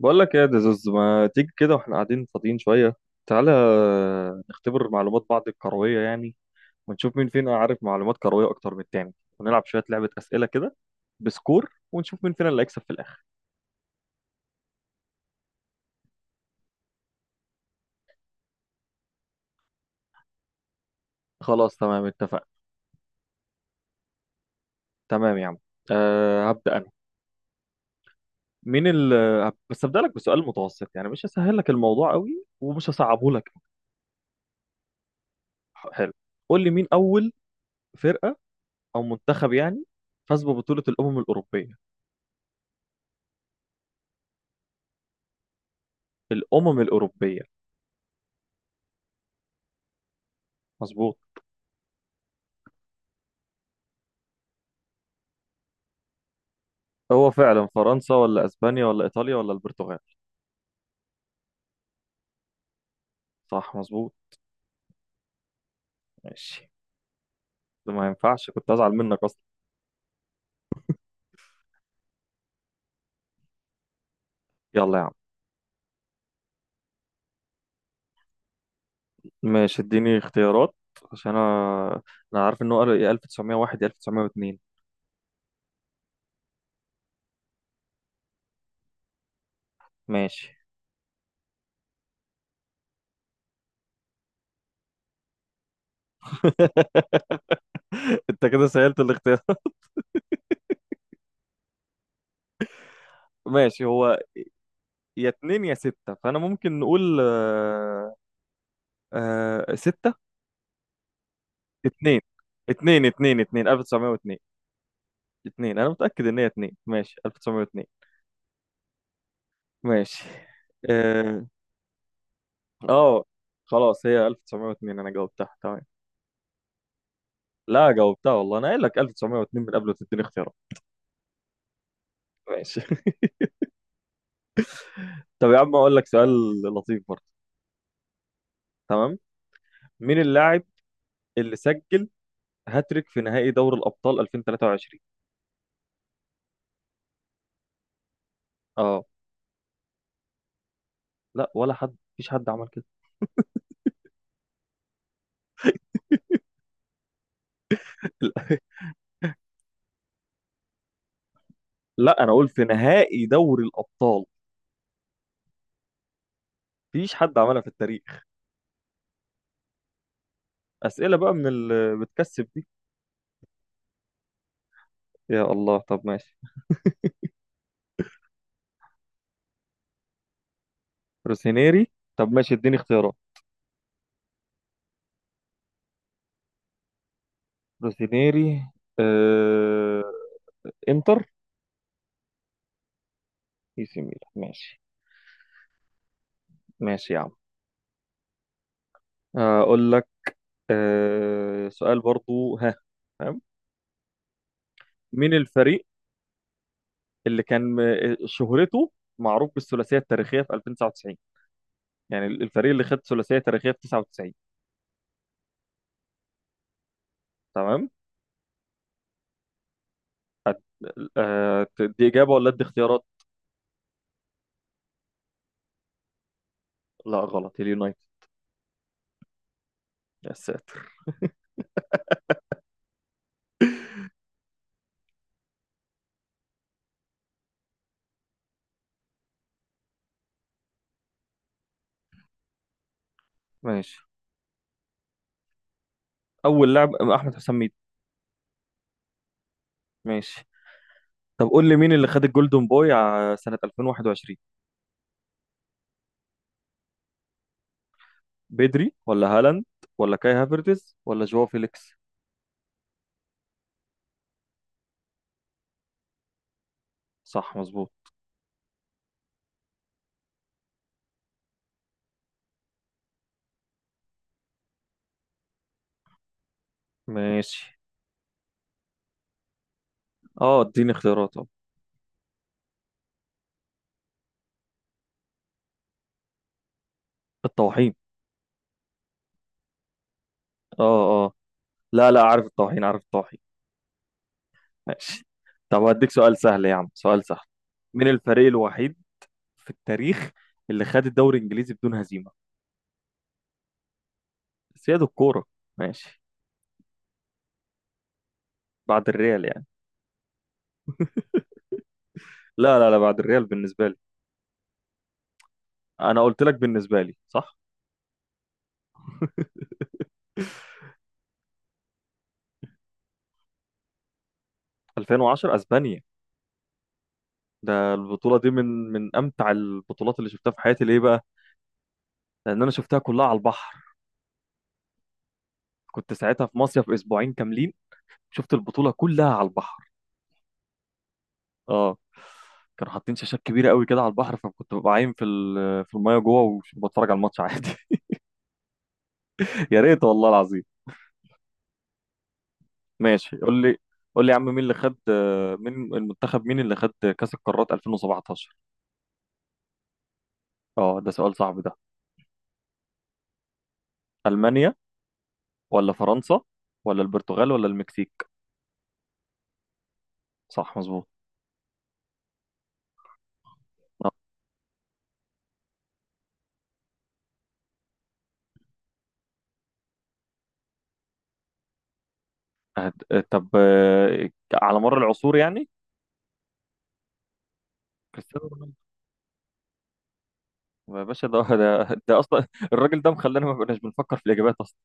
بقول لك ايه يا دزوز؟ ما تيجي كده واحنا قاعدين فاضيين شويه، تعالى نختبر معلومات بعض الكرويه يعني، ونشوف مين فينا عارف معلومات كرويه اكتر من التاني، ونلعب شويه لعبه اسئله كده بسكور، ونشوف مين فينا اللي هيكسب في الاخر. خلاص تمام، اتفقنا. تمام يا عم. هبدا انا. مين ال بس هبدا لك بسؤال متوسط يعني، مش هسهل لك الموضوع قوي ومش هصعبه لك. حلو. قول لي مين اول فرقه او منتخب يعني فاز ببطوله الامم الاوروبيه؟ الامم الاوروبيه، مظبوط. هو فعلا فرنسا ولا اسبانيا ولا ايطاليا ولا البرتغال؟ صح مظبوط. ماشي، ده ما ينفعش، كنت ازعل منك اصلا. يلا يا عم. ماشي، اديني اختيارات، عشان انا عارف انه قال يا 1901 يا 1902. ماشي. انت كده سهلت الاختيار. ماشي، هو يا اتنين يا ستة، فانا ممكن نقول ستة. اتنين اتنين 1902. اتنين، انا متأكد ان هي اتنين، ماشي 1902. ماشي. آه... اه خلاص هي 1902، انا جاوبتها تمام. لا جاوبتها والله، انا قايل لك 1902 من قبل ما تديني اختيارات. ماشي. طب يا عم، اقول لك سؤال لطيف برضه. تمام. مين اللاعب اللي سجل هاتريك في نهائي دوري الابطال 2023؟ اه. لا، ولا حد، مفيش حد عمل كده. لا انا اقول في نهائي دوري الابطال. مفيش حد عملها في التاريخ. اسئله بقى من اللي بتكسب دي. يا الله، طب ماشي. روسينيري. طب ماشي، اديني اختيارات. روسينيري، آه... انتر. اي سي ميلان، ماشي. ماشي يا عم. اقول لك سؤال برضو، ها. تمام. مين الفريق اللي كان شهرته معروف بالثلاثيه التاريخيه في 2099، يعني الفريق اللي خد ثلاثيه تاريخيه في 99؟ تمام. أه دي اجابه ولا ادي اختيارات؟ لا غلط، اليونايتد. يا ساتر. ماشي. اول لاعب احمد حسام ميدو. ماشي. طب قول لي مين اللي خد الجولدن بوي سنه 2021؟ بدري ولا هالاند ولا كاي هافرتز ولا جواو فيليكس؟ صح مظبوط. ماشي. اه، اديني اختيارات، اه. الطواحين. اه اه. لا لا، عارف الطواحين، عارف الطواحين. ماشي. طب هديك سؤال سهل يا عم، سؤال سهل. مين الفريق الوحيد في التاريخ اللي خد الدوري الانجليزي بدون هزيمه؟ سيادة الكوره. ماشي. بعد الريال يعني. لا لا لا، بعد الريال بالنسبه لي. انا قلت لك بالنسبه لي، صح. 2010 اسبانيا. ده البطوله دي من من امتع البطولات اللي شفتها في حياتي، ليه بقى؟ لان انا شفتها كلها على البحر. كنت ساعتها في مصيف اسبوعين كاملين. شفت البطوله كلها على البحر. اه. كانوا حاطين شاشات كبيره قوي كده على البحر، فكنت ببقى عايم في المايه جوه وبتفرج على الماتش عادي. يا ريت والله العظيم. ماشي، قول لي. قول لي يا عم مين اللي خد كاس القارات 2017؟ اه، ده سؤال صعب ده. المانيا ولا فرنسا ولا البرتغال ولا المكسيك؟ صح مظبوط. آه، طب على مر العصور يعني. كريستيانو رونالدو. يا باشا، ده اصلا الراجل ده مخلانا ما بقناش بنفكر في الاجابات اصلا.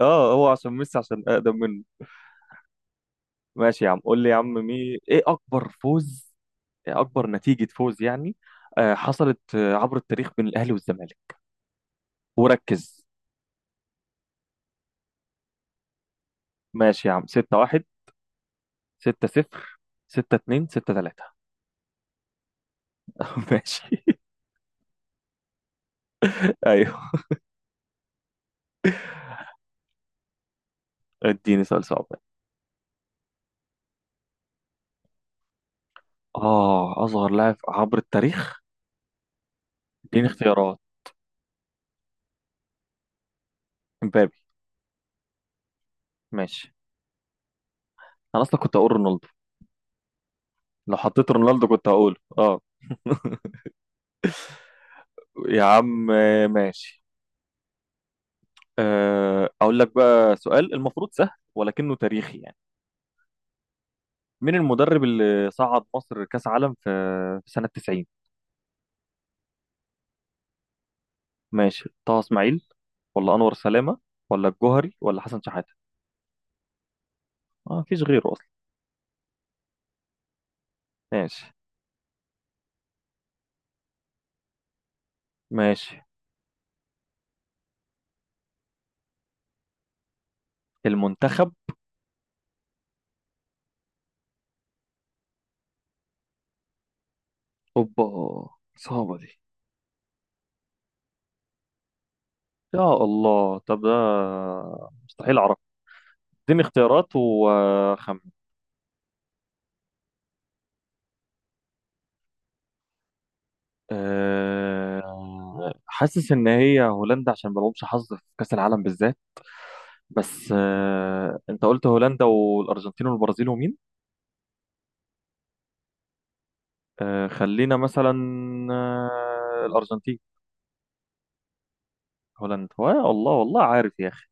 اه، هو عشان ميسي، عشان اقدم منه. ماشي يا عم، قول لي يا عم ايه اكبر فوز؟ إيه اكبر نتيجة فوز يعني حصلت عبر التاريخ بين الاهلي والزمالك؟ وركز. ماشي يا عم. 6-1 6-0 6-2 6-3. ماشي. ايوه. اديني سؤال صعب. اه، اصغر لاعب عبر التاريخ. اديني اختيارات. امبابي. ماشي. انا اصلا كنت هقول رونالدو، لو حطيت رونالدو كنت هقوله اه. يا عم ماشي. اقول لك بقى سؤال المفروض سهل، ولكنه تاريخي يعني. مين المدرب اللي صعد مصر كأس عالم في سنة 90؟ ماشي، طه اسماعيل ولا انور سلامة ولا الجوهري ولا حسن شحاتة؟ اه، مفيش غيره اصلا. ماشي. ماشي. المنتخب. اوبا، صعبة دي. يا الله، طب ده مستحيل اعرف. اديني اختيارات وخم. حاسس ان هي هولندا عشان ما لهمش حظ في كأس العالم بالذات. بس انت قلت هولندا والارجنتين والبرازيل ومين؟ خلينا مثلا الأرجنتين. هولندا، والله والله عارف يا أخي،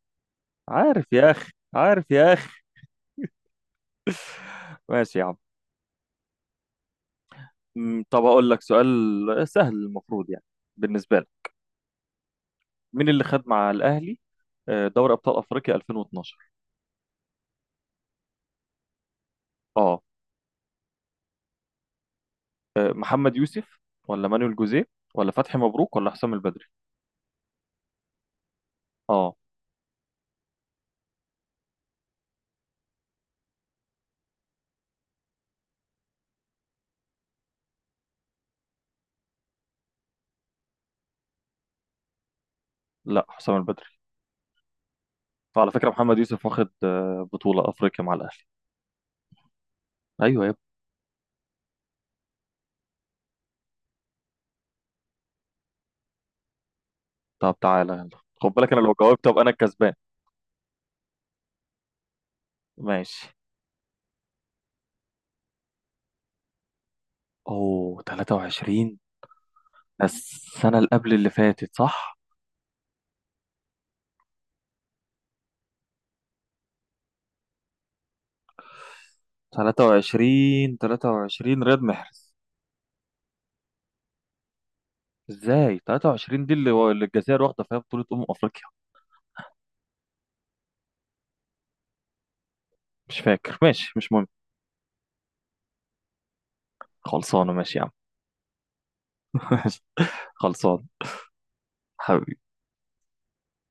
عارف يا أخي، عارف يا أخي. ماشي يا عم. طب أقول لك سؤال سهل المفروض يعني بالنسبة لك. مين اللي خد مع الأهلي دوري أبطال أفريقيا 2012؟ اه. محمد يوسف ولا مانويل جوزيه ولا فتحي مبروك ولا حسام البدري؟ اه. لا، حسام البدري. فعلى فكرة محمد يوسف واخد بطولة أفريقيا مع الأهلي. أيوه يا ابني. طب تعالى يلا. خد بالك أنا لو جاوبت أبقى أنا الكسبان. ماشي. اوه، 23. ده السنة اللي قبل اللي فاتت، صح؟ 23 23 رياض محرز. ازاي، 23 دي اللي الجزائر واخدة فيها بطولة أمم أفريقيا. مش فاكر، ماشي مش مهم. خلصانة، ماشي يا عم. ماشي. خلصان. حبيبي.